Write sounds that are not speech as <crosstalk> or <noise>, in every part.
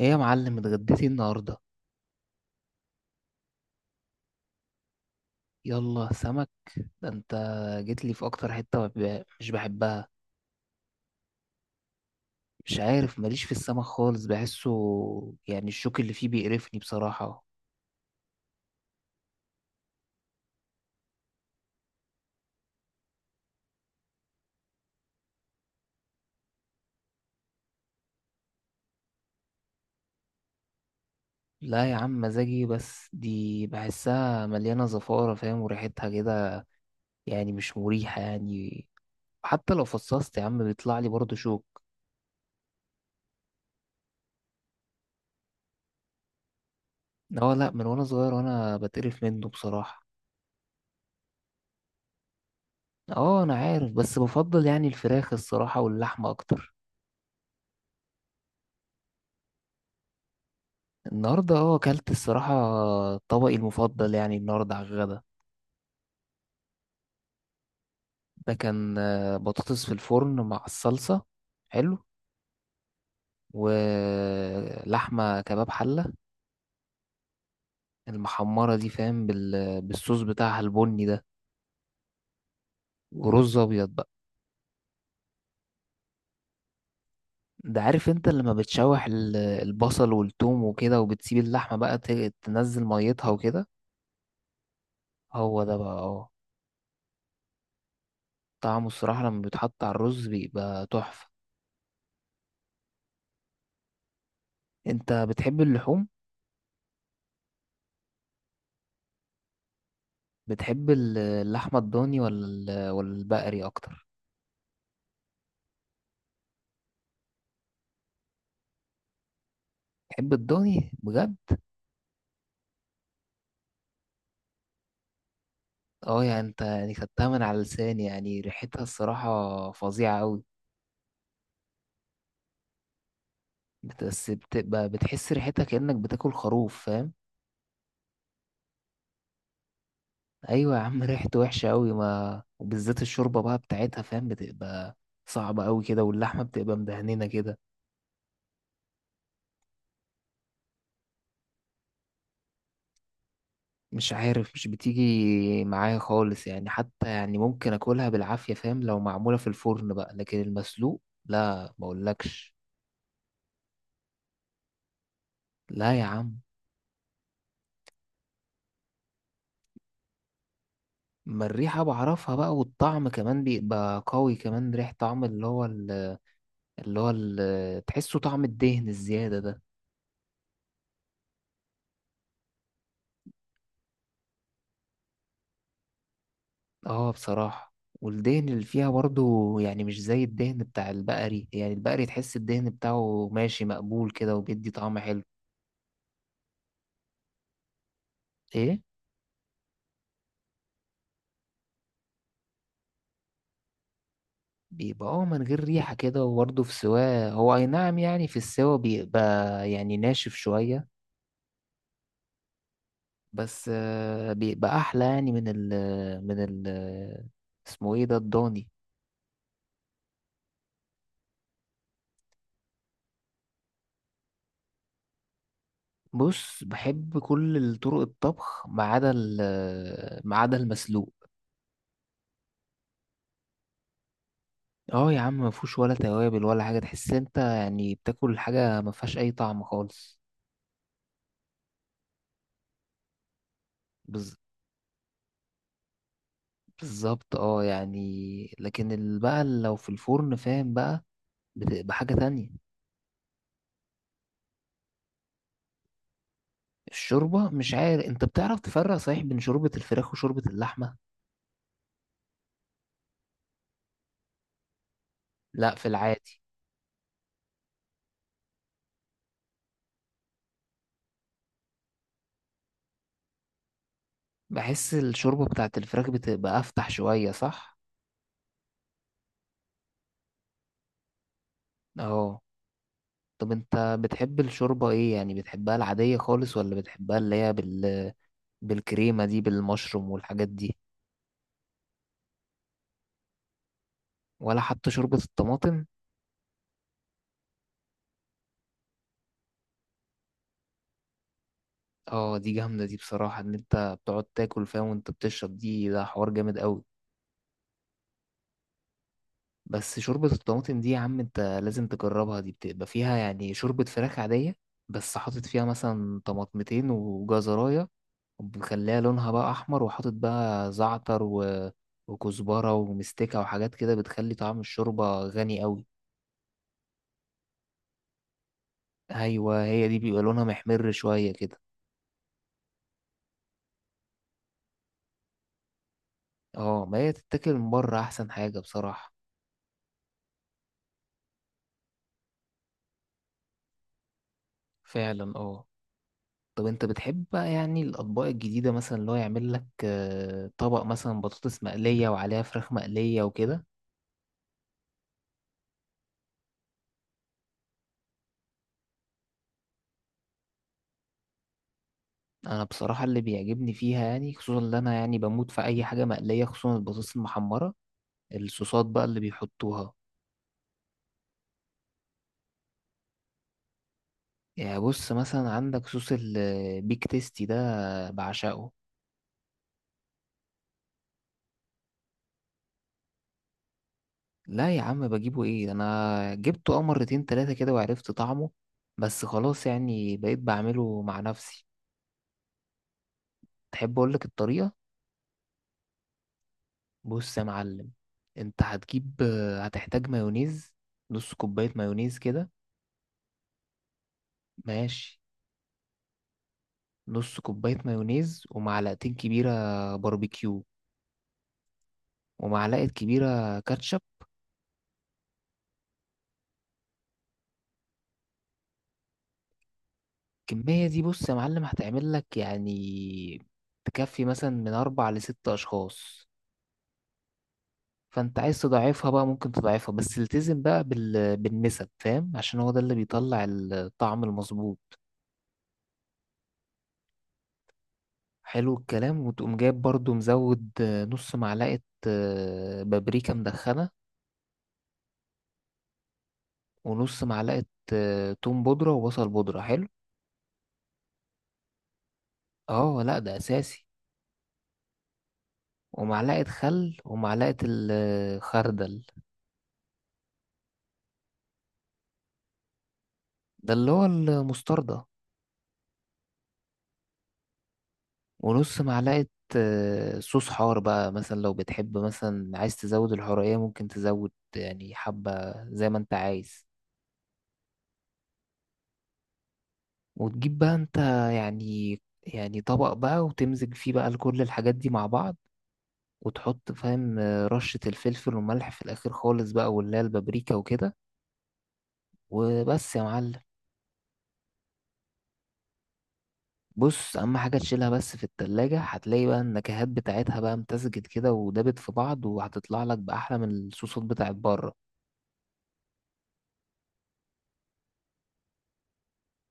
ايه يا معلم اتغديتي النهارده؟ يلا سمك. ده انت جيت لي في اكتر حته ما مش بحبها. مش عارف، ماليش في السمك خالص، بحسه، يعني الشوك اللي فيه بيقرفني بصراحه. لا يا عم، مزاجي، بس دي بحسها مليانه زفاره، فاهم، وريحتها كده، يعني مش مريحه يعني. حتى لو فصصت يا عم بيطلع لي برضه شوك. اه، لا، من وانا صغير وانا بتقرف منه بصراحه. اه انا عارف، بس بفضل يعني الفراخ الصراحه واللحمه اكتر. النهارده اه اكلت الصراحه طبقي المفضل يعني النهارده على الغدا. ده كان بطاطس في الفرن مع الصلصه. حلو. ولحمه كباب حله. المحمره دي، فاهم، بالصوص بتاعها البني ده. ورز ابيض بقى. ده عارف انت لما بتشوح البصل والثوم وكده، وبتسيب اللحمه بقى تنزل ميتها وكده. هو ده بقى اه. طعمه الصراحه لما بيتحط على الرز بيبقى تحفه. انت بتحب اللحوم؟ بتحب اللحمة الضاني ولا البقري أكتر؟ بتحب الضاني بجد؟ اه يعني انت يعني خدتها من على لساني، يعني ريحتها الصراحة فظيعة أوي. بس بتبقى بتحس ريحتها كأنك بتاكل خروف، فاهم؟ أيوة يا عم <laughs> ريحته وحشة أوي، ما وبالذات الشوربة بقى بتاعتها، فاهم، بتبقى صعبة أوي كده، واللحمة بتبقى مدهننة كده. مش عارف، مش بتيجي معايا خالص يعني، حتى يعني ممكن أكلها بالعافية فاهم لو معمولة في الفرن بقى، لكن المسلوق لا مقولكش. لا يا عم. ما الريحة بعرفها بقى، والطعم كمان بيبقى قوي كمان، ريح طعم تحسه طعم الدهن الزيادة ده. اه بصراحة. والدهن اللي فيها برضو يعني مش زي الدهن بتاع البقري، يعني البقري تحس الدهن بتاعه ماشي مقبول كده وبيدي طعم حلو. ايه؟ بيبقى اه من غير ريحة كده، وبرضه في سواه، هو اي نعم يعني في السوا بيبقى يعني ناشف شوية. بس بيبقى احلى يعني من ال من ال اسمه ايه ده، الضاني. بص، بحب كل طرق الطبخ ما عدا المسلوق. اه يا عم، ما فيهوش ولا توابل ولا حاجه، تحس انت يعني بتاكل حاجه ما فيهاش اي طعم خالص. بز... بالظبط، اه يعني، لكن بقى لو في الفرن فاهم بقى بتبقى حاجه تانية. الشوربه، مش عارف انت بتعرف تفرق صحيح بين شوربه الفراخ وشوربه اللحمه؟ لا، في العادي. بحس الشوربه بتاعت الفراخ بتبقى افتح شويه، صح؟ اه. طب انت بتحب الشوربة ايه يعني، بتحبها العادية خالص، ولا بتحبها اللي هي بالكريمة دي، بالمشروم والحاجات دي؟ ولا حتى شوربة الطماطم؟ اه، دي جامدة دي بصراحة، ان انت بتقعد تاكل فيها وانت بتشرب دي، ده حوار جامد قوي. بس شوربة الطماطم دي يا عم انت لازم تجربها، دي بتبقى فيها يعني شوربة فراخ عادية، بس حاطط فيها مثلا طماطمتين وجزراية، ومخليها لونها بقى احمر، وحاطط بقى زعتر وكزبرة ومستكة وحاجات كده، بتخلي طعم الشوربة غني قوي. ايوه، هي دي بيبقى لونها محمر شويه كده. اه، ما هي تتاكل من بره احسن حاجه بصراحه. فعلا، اه. طب انت بتحب بقى يعني الاطباق الجديده، مثلا اللي هو يعمل لك طبق مثلا بطاطس مقليه وعليها فراخ مقليه وكده؟ انا بصراحه اللي بيعجبني فيها يعني خصوصا، اللي انا يعني بموت في اي حاجه مقليه، خصوصا البطاطس المحمره، الصوصات بقى اللي بيحطوها. يعني بص مثلا عندك صوص البيك تيستي ده، بعشقه. لا يا عم بجيبه ايه، انا جبته اه مرتين تلاتة كده وعرفت طعمه، بس خلاص يعني بقيت بعمله مع نفسي. تحب اقولك الطريقة؟ بص يا معلم، انت هتجيب، هتحتاج مايونيز. نص كوباية مايونيز كده. ماشي. نص كوباية مايونيز ومعلقتين كبيرة باربيكيو، ومعلقة كبيرة كاتشب. الكمية دي بص يا معلم هتعمل لك يعني، تكفي مثلا من أربع لست أشخاص. فانت عايز تضعفها بقى ممكن تضعفها، بس التزم بقى بالنسب، فاهم، عشان هو ده اللي بيطلع الطعم المظبوط. حلو الكلام. وتقوم جايب برضو مزود نص معلقة بابريكا مدخنة، ونص معلقة توم بودرة وبصل بودرة. حلو. اه لا ده اساسي. ومعلقة خل ومعلقة الخردل. ده اللي هو المستردة. ونص معلقة صوص حار بقى، مثلا لو بتحب مثلا عايز تزود الحرقية ممكن تزود يعني حبة زي ما انت عايز. وتجيب بقى انت يعني طبق بقى، وتمزج فيه بقى كل الحاجات دي مع بعض. وتحط، فاهم، رشة الفلفل والملح في الآخر خالص بقى، واللي هي البابريكا وكده. وبس يا معلم. بص، أهم حاجة تشيلها بس في التلاجة، هتلاقي بقى النكهات بتاعتها بقى امتزجت كده ودابت في بعض، وهتطلع لك بأحلى من الصوصات بتاعت بره.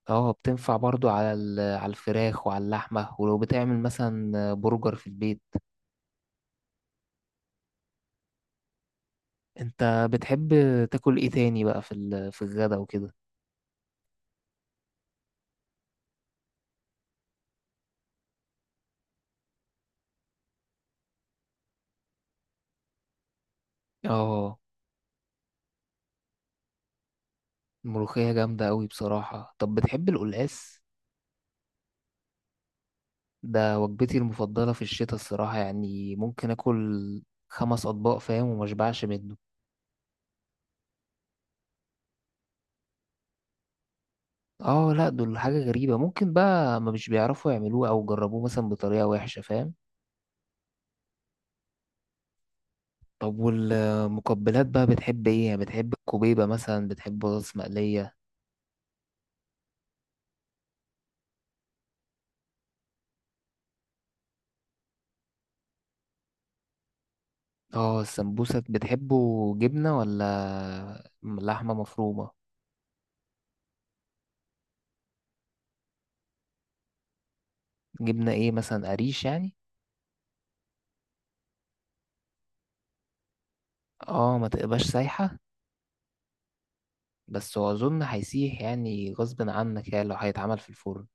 اه، بتنفع برضو على على الفراخ وعلى اللحمة، ولو بتعمل مثلا برجر في البيت. انت بتحب تاكل ايه تاني بقى في في الغدا وكده؟ اه، الملوخية جامدة قوي بصراحة. طب بتحب القلقاس؟ ده وجبتي المفضلة في الشتاء الصراحة، يعني ممكن اكل خمس اطباق فاهم ومشبعش منه. اه لا، دول حاجة غريبة، ممكن بقى ما مش بيعرفوا يعملوه، او جربوه مثلا بطريقة وحشة فاهم. طب والمقبلات بقى بتحب ايه، يعني بتحب الكوبيبة مثلا، بتحب بطاطس مقلية؟ اه، السمبوسة بتحبه جبنة ولا لحمة مفرومة؟ جبنة ايه مثلا، قريش يعني؟ اه، ما تبقاش سايحة. بس هو اظن هيسيح يعني غصب عنك يعني، لو هيتعمل في الفرن.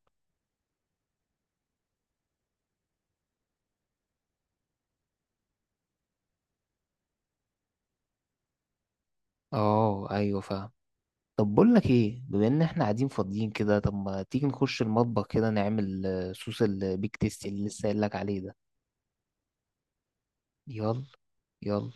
اه ايوه فاهم. طب بقول لك ايه، بما ان احنا قاعدين فاضيين كده، طب ما تيجي نخش المطبخ كده نعمل صوص البيك تيستي اللي لسه قايل لك عليه ده؟ يلا، يلا.